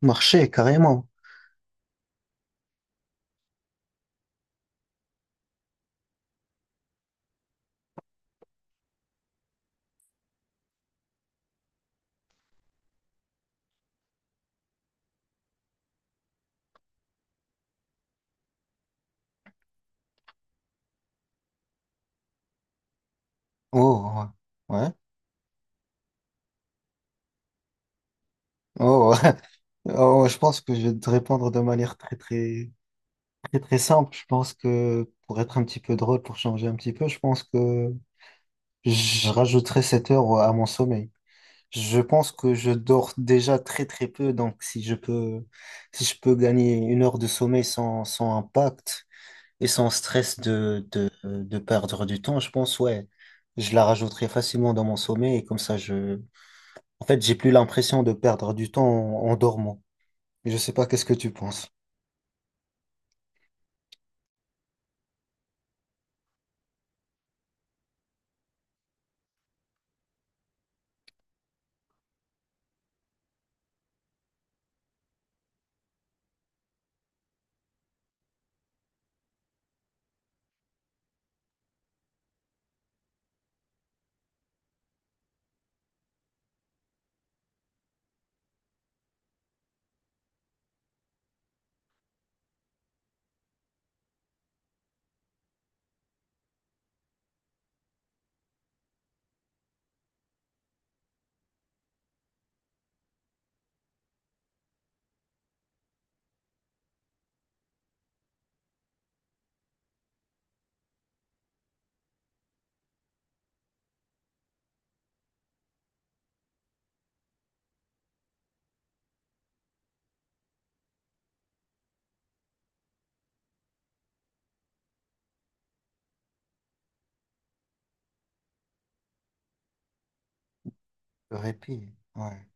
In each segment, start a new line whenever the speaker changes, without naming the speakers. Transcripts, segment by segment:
Marcher, carrément. Oh, ouais. Ouais. Oh, ouais. Oh, je pense que je vais te répondre de manière très, très, très, très simple. Je pense que pour être un petit peu drôle, pour changer un petit peu, je pense que je rajouterai 7 heures à mon sommeil. Je pense que je dors déjà très, très peu. Donc, si je peux gagner une heure de sommeil sans impact et sans stress de perdre du temps, je pense, ouais, je la rajouterai facilement dans mon sommeil et comme ça, en fait, j'ai plus l'impression de perdre du temps en dormant. Je sais pas, qu'est-ce que tu penses? Le répit, ouais.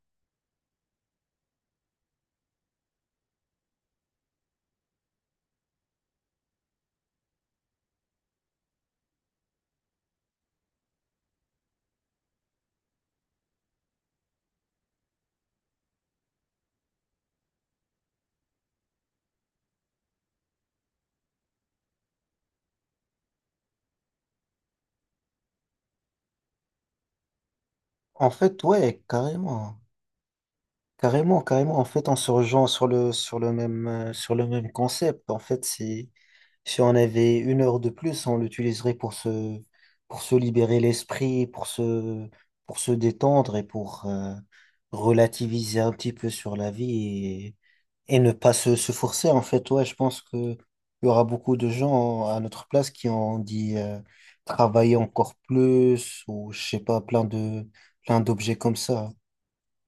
En fait, ouais, carrément. Carrément, carrément. En fait, en se rejoint sur le même concept. En fait, si on avait une heure de plus, on l'utiliserait pour se libérer l'esprit, pour se détendre et pour relativiser un petit peu sur la vie. Et ne pas se forcer, en fait, ouais, je pense que il y aura beaucoup de gens à notre place qui ont dit travailler encore plus ou je sais pas, plein d'objets comme ça.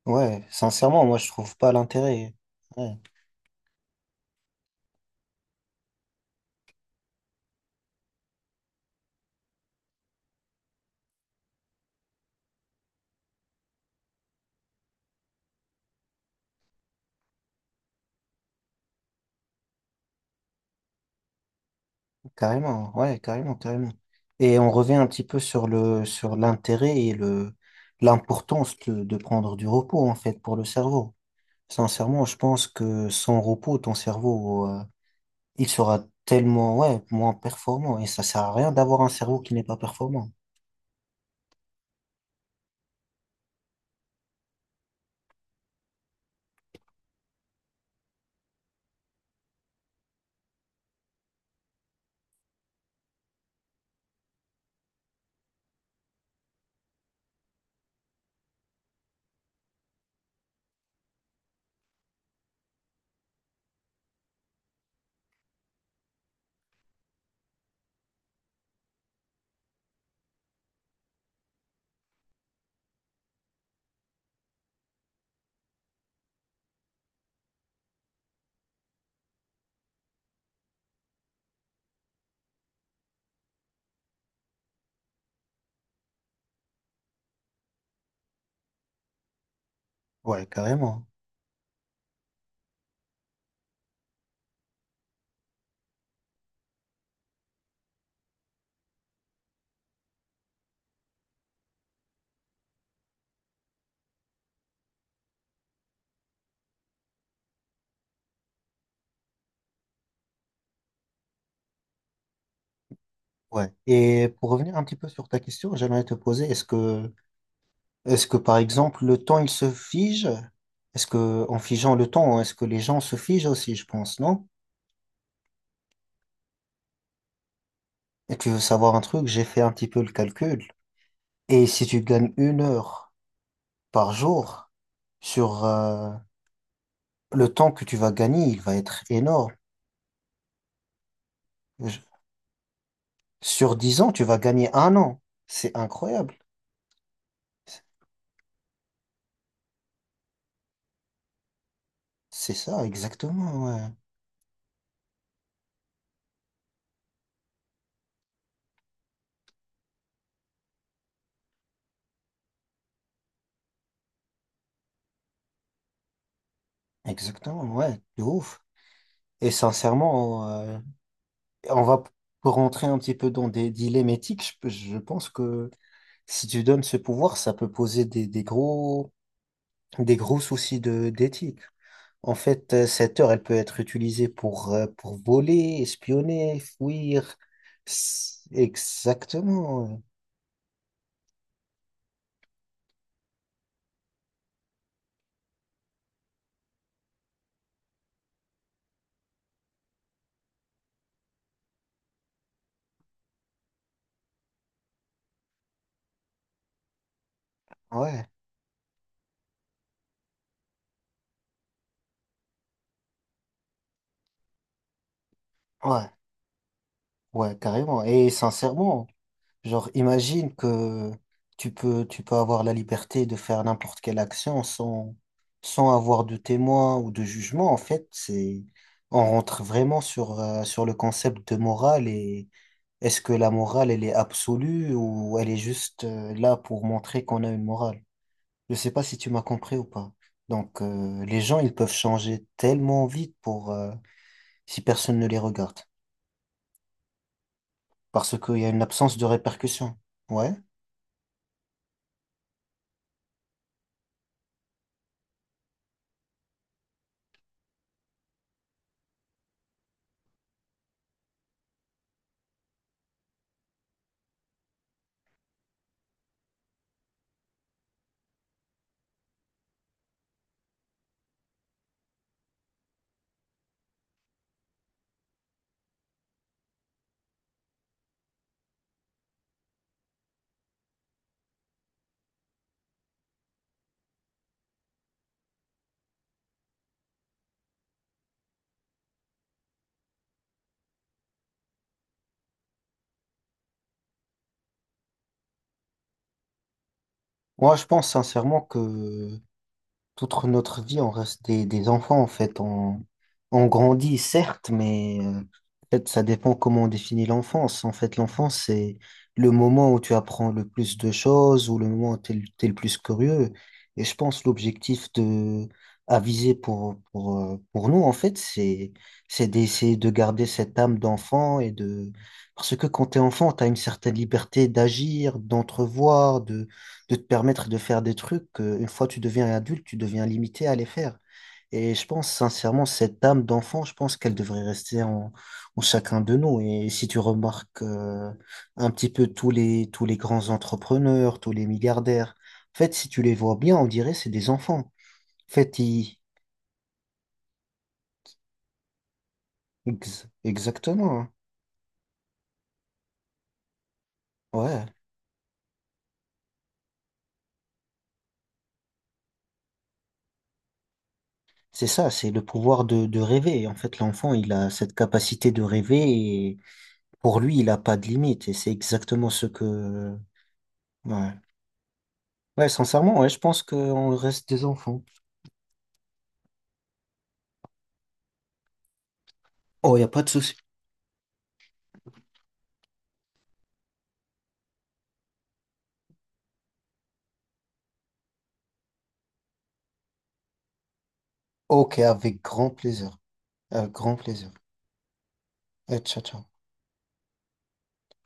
Ouais, sincèrement, moi je trouve pas l'intérêt. Ouais, ouais, carrément, carrément. Et on revient un petit peu sur l'intérêt et le l'importance de prendre du repos en fait pour le cerveau. Sincèrement, je pense que sans repos, ton cerveau il sera tellement, ouais, moins performant. Et ça sert à rien d'avoir un cerveau qui n'est pas performant. Ouais, carrément. Ouais. Et pour revenir un petit peu sur ta question, j'aimerais te poser, est-ce que par exemple le temps il se fige? Est-ce que en figeant le temps, est-ce que les gens se figent aussi, je pense, non? Et tu veux savoir un truc, j'ai fait un petit peu le calcul. Et si tu gagnes une heure par jour sur, le temps que tu vas gagner, il va être énorme. Je- Sur 10 ans, tu vas gagner un an. C'est incroyable. C'est ça, exactement, ouais. Exactement, ouais, de ouf. Et sincèrement, on va p- rentrer un petit peu dans des dilemmes éthiques. Je pense que si tu donnes ce pouvoir, ça peut poser des gros soucis d'éthique. En fait, cette heure, elle peut être utilisée pour voler, espionner, fuir. Exactement, ouais. Ouais, ouais, carrément. Et sincèrement, genre, imagine que tu peux avoir la liberté de faire n'importe quelle action sans avoir de témoin ou de jugement. En fait, on rentre vraiment sur, sur le concept de morale et est-ce que la morale, elle est absolue ou elle est juste, là pour montrer qu'on a une morale? Je sais pas si tu m'as compris ou pas. Donc, les gens, ils peuvent changer tellement vite pour, si personne ne les regarde. Parce qu'il y a une absence de répercussion. Ouais. Moi, je pense sincèrement que toute notre vie, on reste des enfants, en fait. On grandit, certes, mais en fait, ça dépend comment on définit l'enfance. En fait, l'enfance, c'est le moment où tu apprends le plus de choses ou le moment où tu es, le t'es le plus curieux. Et je pense l'objectif de à viser pour, pour nous, en fait, c'est d'essayer de garder cette âme d'enfant et de... Parce que quand tu es enfant, tu as une certaine liberté d'agir, d'entrevoir, de te permettre de faire des trucs que, une fois tu deviens adulte, tu deviens limité à les faire. Et je pense sincèrement, cette âme d'enfant, je pense qu'elle devrait rester en chacun de nous. Et si tu remarques un petit peu tous les grands entrepreneurs, tous les milliardaires, en fait, si tu les vois bien, on dirait c'est des enfants. En fait, ils- ex- exactement, hein. Ouais, c'est ça, c'est le pouvoir de rêver. En fait, l'enfant, il a cette capacité de rêver et pour lui, il n'a pas de limite. Et c'est exactement ce que, ouais. Ouais, sincèrement, ouais, je pense qu'on reste des enfants. Oh, il n'y a pas de souci. Ok, avec grand plaisir. Avec grand plaisir. Et ciao, ciao.